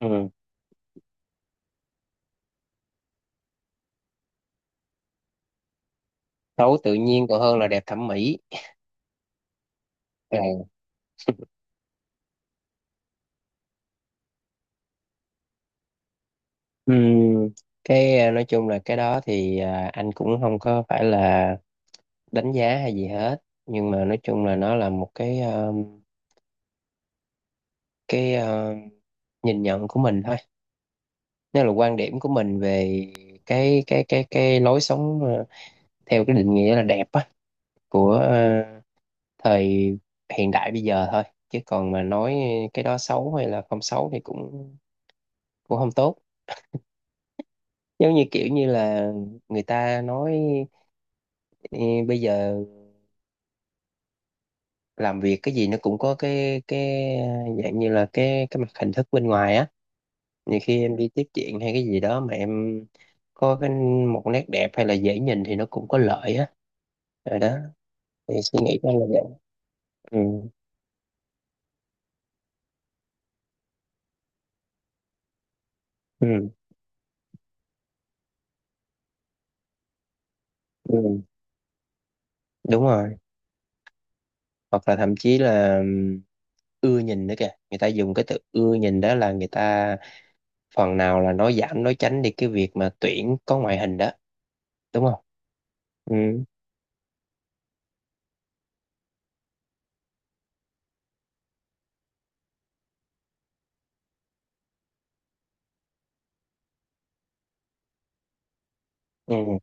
Ừ. Xấu tự nhiên còn hơn là đẹp thẩm mỹ. Ờ. Ừ. Nói chung là cái đó thì anh cũng không có phải là đánh giá hay gì hết, nhưng mà nói chung là nó là một cái nhìn nhận của mình thôi, nó là quan điểm của mình về cái lối sống, theo cái định nghĩa là đẹp á của thời hiện đại bây giờ thôi, chứ còn mà nói cái đó xấu hay là không xấu thì cũng cũng không tốt. Giống như kiểu như là người ta nói: Ê, bây giờ làm việc cái gì nó cũng có cái dạng như là cái mặt hình thức bên ngoài á. Nhiều khi em đi tiếp chuyện hay cái gì đó mà em có cái một nét đẹp hay là dễ nhìn thì nó cũng có lợi á. Rồi đó, thì suy nghĩ của anh là vậy. Ừ, ừ, ừ. Đúng rồi, hoặc là thậm chí là ưa nhìn nữa kìa, người ta dùng cái từ ưa nhìn đó là người ta phần nào là nói giảm nói tránh đi cái việc mà tuyển có ngoại hình đó, đúng không? Ừ, ừ,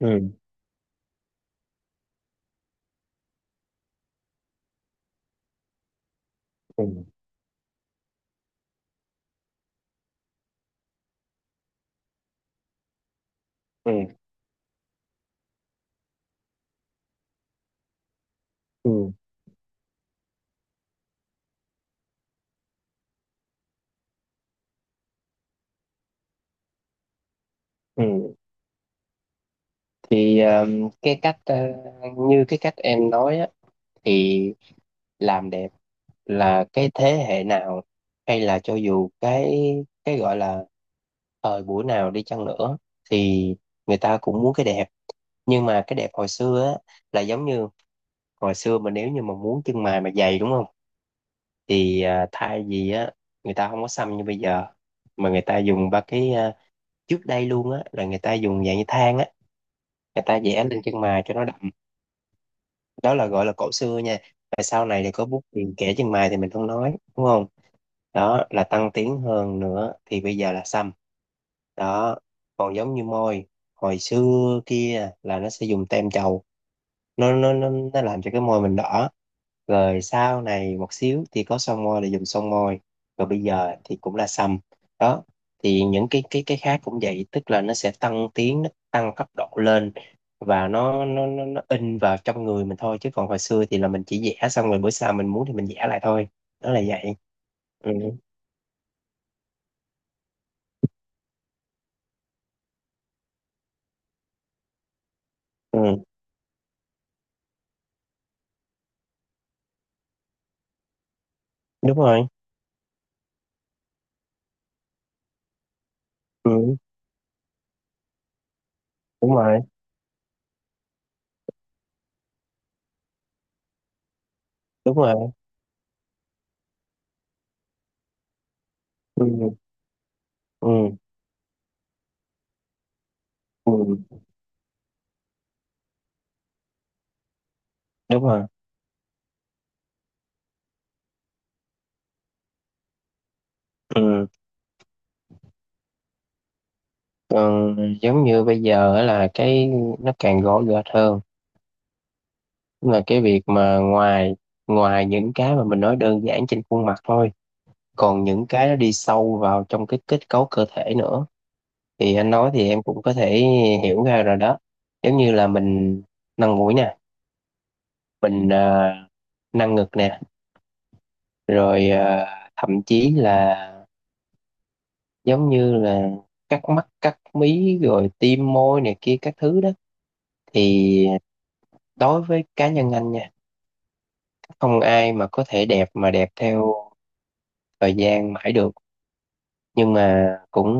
ừ, ừ, ừ, ừ. Ừ. Thì cái cách, như cái cách em nói á, thì làm đẹp là cái thế hệ nào hay là cho dù cái gọi là thời buổi nào đi chăng nữa, thì người ta cũng muốn cái đẹp. Nhưng mà cái đẹp hồi xưa á là giống như hồi xưa mà nếu như mà muốn chân mày mà dày, đúng không, thì thay vì á người ta không có xăm như bây giờ, mà người ta dùng ba trước đây luôn á là người ta dùng dạng như than á, người ta vẽ lên chân mày cho nó, đó là gọi là cổ xưa nha. Và sau này thì có bút tiền kẻ chân mày thì mình không nói, đúng không, đó là tăng tiến hơn. Nữa thì bây giờ là xăm. Đó. Còn giống như môi, hồi xưa kia là nó sẽ dùng tem chầu, nó làm cho cái môi mình đỏ, rồi sau này một xíu thì có son môi là dùng son môi, rồi bây giờ thì cũng là sâm. Đó. Thì những cái cái khác cũng vậy, tức là nó sẽ tăng tiến, nó tăng cấp độ lên, và nó in vào trong người mình thôi, chứ còn hồi xưa thì là mình chỉ vẽ xong rồi bữa sau mình muốn thì mình vẽ lại thôi. Đó là vậy. Ừ, ừ, đúng rồi, ừ, đúng rồi, đúng rồi, ừ, ừ, ừ. Đúng rồi, ừ. Còn giống như bây giờ á là cái nó càng gõ gệt hơn. Tức là cái việc mà ngoài ngoài những cái mà mình nói đơn giản trên khuôn mặt thôi, còn những cái nó đi sâu vào trong cái kết cấu cơ thể nữa, thì anh nói thì em cũng có thể hiểu ra rồi đó. Giống như là mình nâng mũi nè, mình ờ, nâng ngực nè, rồi thậm chí là giống như là cắt mắt cắt mí rồi tiêm môi này kia các thứ đó, thì đối với cá nhân anh nha, không ai mà có thể đẹp mà đẹp theo thời gian mãi được. Nhưng mà cũng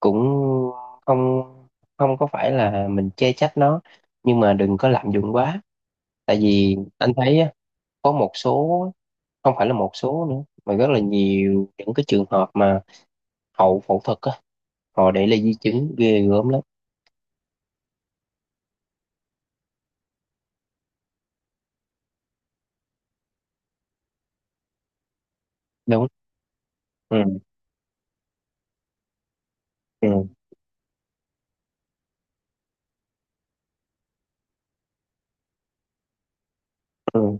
cũng không không có phải là mình chê trách nó, nhưng mà đừng có lạm dụng quá. Tại vì anh thấy á, có một số, không phải là một số nữa mà rất là nhiều những cái trường hợp mà hậu phẫu thuật á, họ để lại di chứng ghê gớm lắm. Đúng. Ừ, ừ, ừ,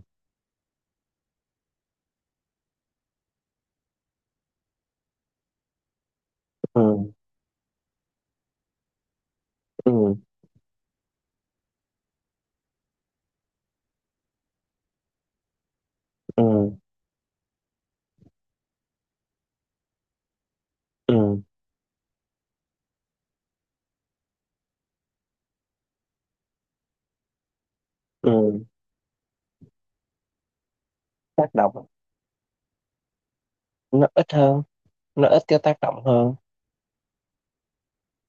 ừ, ừ, ừ, ừ, ừ. Tác động nó ít hơn, nó ít cái tác động hơn,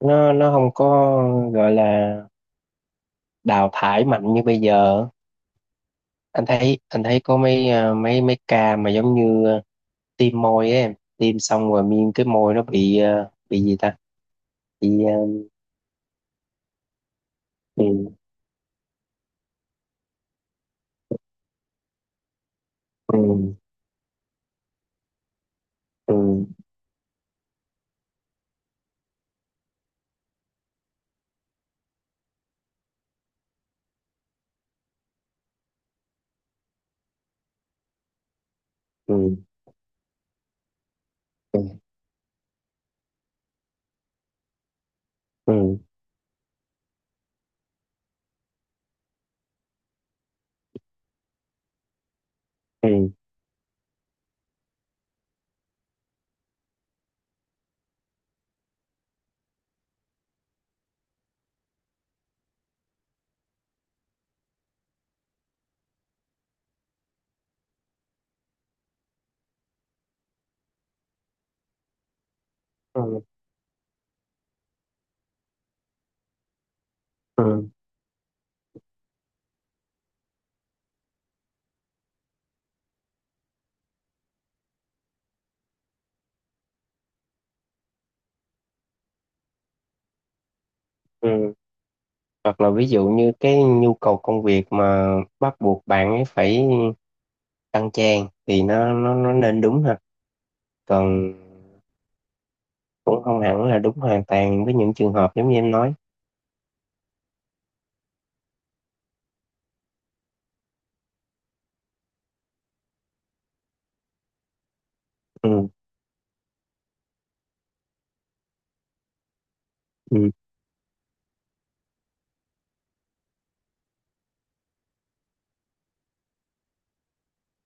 nó không có gọi là đào thải mạnh như bây giờ. Anh thấy anh thấy có mấy mấy mấy ca mà giống như tiêm môi ấy, em tiêm xong rồi miên cái môi nó bị bị gì ta, bị bị. Ừ, ừ, ừ, ừ, ừ, ừ, ừ, ừ, ừ. Hoặc là ví dụ như cái nhu cầu công việc mà bắt buộc bạn ấy phải tăng trang thì nó nên, đúng ha. Còn cũng không hẳn là đúng hoàn toàn với những trường hợp giống như em nói. Ừ, ừ,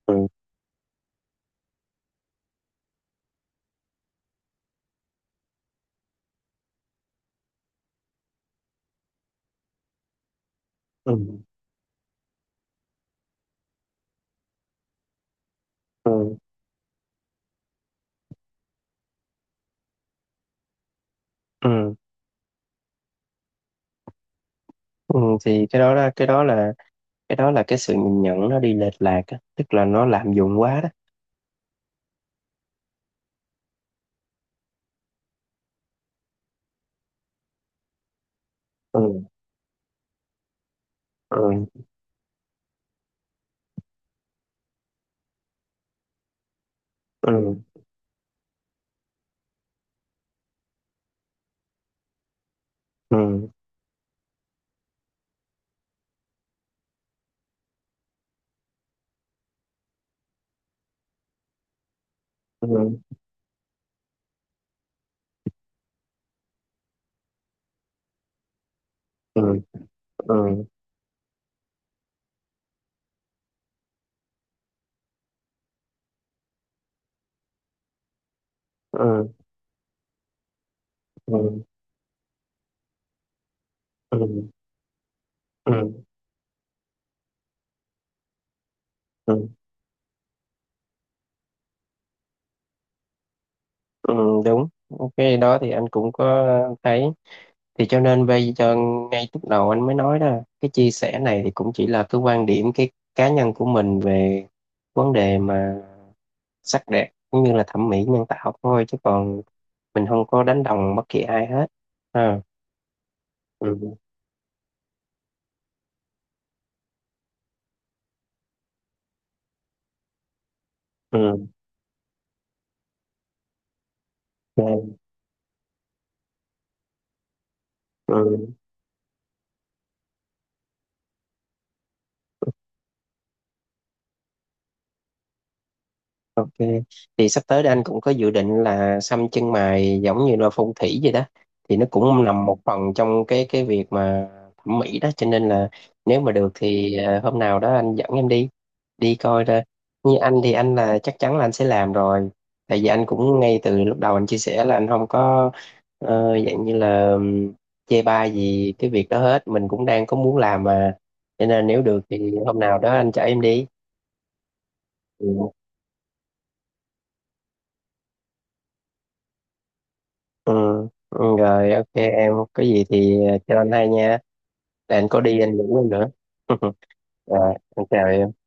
ừ, ừ, ừ, ừ, ừ. Thì cái đó là cái sự nhìn nhận nó đi lệch lạc á, tức là nó lạm dụng quá đó. Ừ, ừ, ừ, ừ, ừ, ừ, ừ, ừ, ừ, ừ, ừ, ừ, ừ, đúng. Cái đó thì anh cũng có thấy. Thì cho nên bây giờ, ngay lúc đầu anh mới nói đó, cái chia sẻ này thì cũng chỉ là cái quan điểm cái cá nhân của mình về vấn đề mà sắc đẹp cũng như là thẩm mỹ nhân tạo thôi, chứ còn mình không có đánh đồng bất kỳ ai hết, ha. Ừ, ừ, ok, ừ. Thì sắp tới đây anh cũng có dự định là xăm chân mày giống như là phong thủy vậy đó, thì nó cũng nằm một phần trong cái việc mà thẩm mỹ đó, cho nên là nếu mà được thì hôm nào đó anh dẫn em đi, đi coi ra. Như anh thì anh là chắc chắn là anh sẽ làm rồi, tại vì anh cũng ngay từ lúc đầu anh chia sẻ là anh không có dạng như là chê bai gì cái việc đó hết, mình cũng đang có muốn làm mà. Cho nên là nếu được thì hôm nào đó anh chở em đi. Ừ. Ừ, ừ, rồi ok, em có gì thì cho anh hay nha. Để anh có đi anh ngủ luôn nữa. Rồi, anh chào em.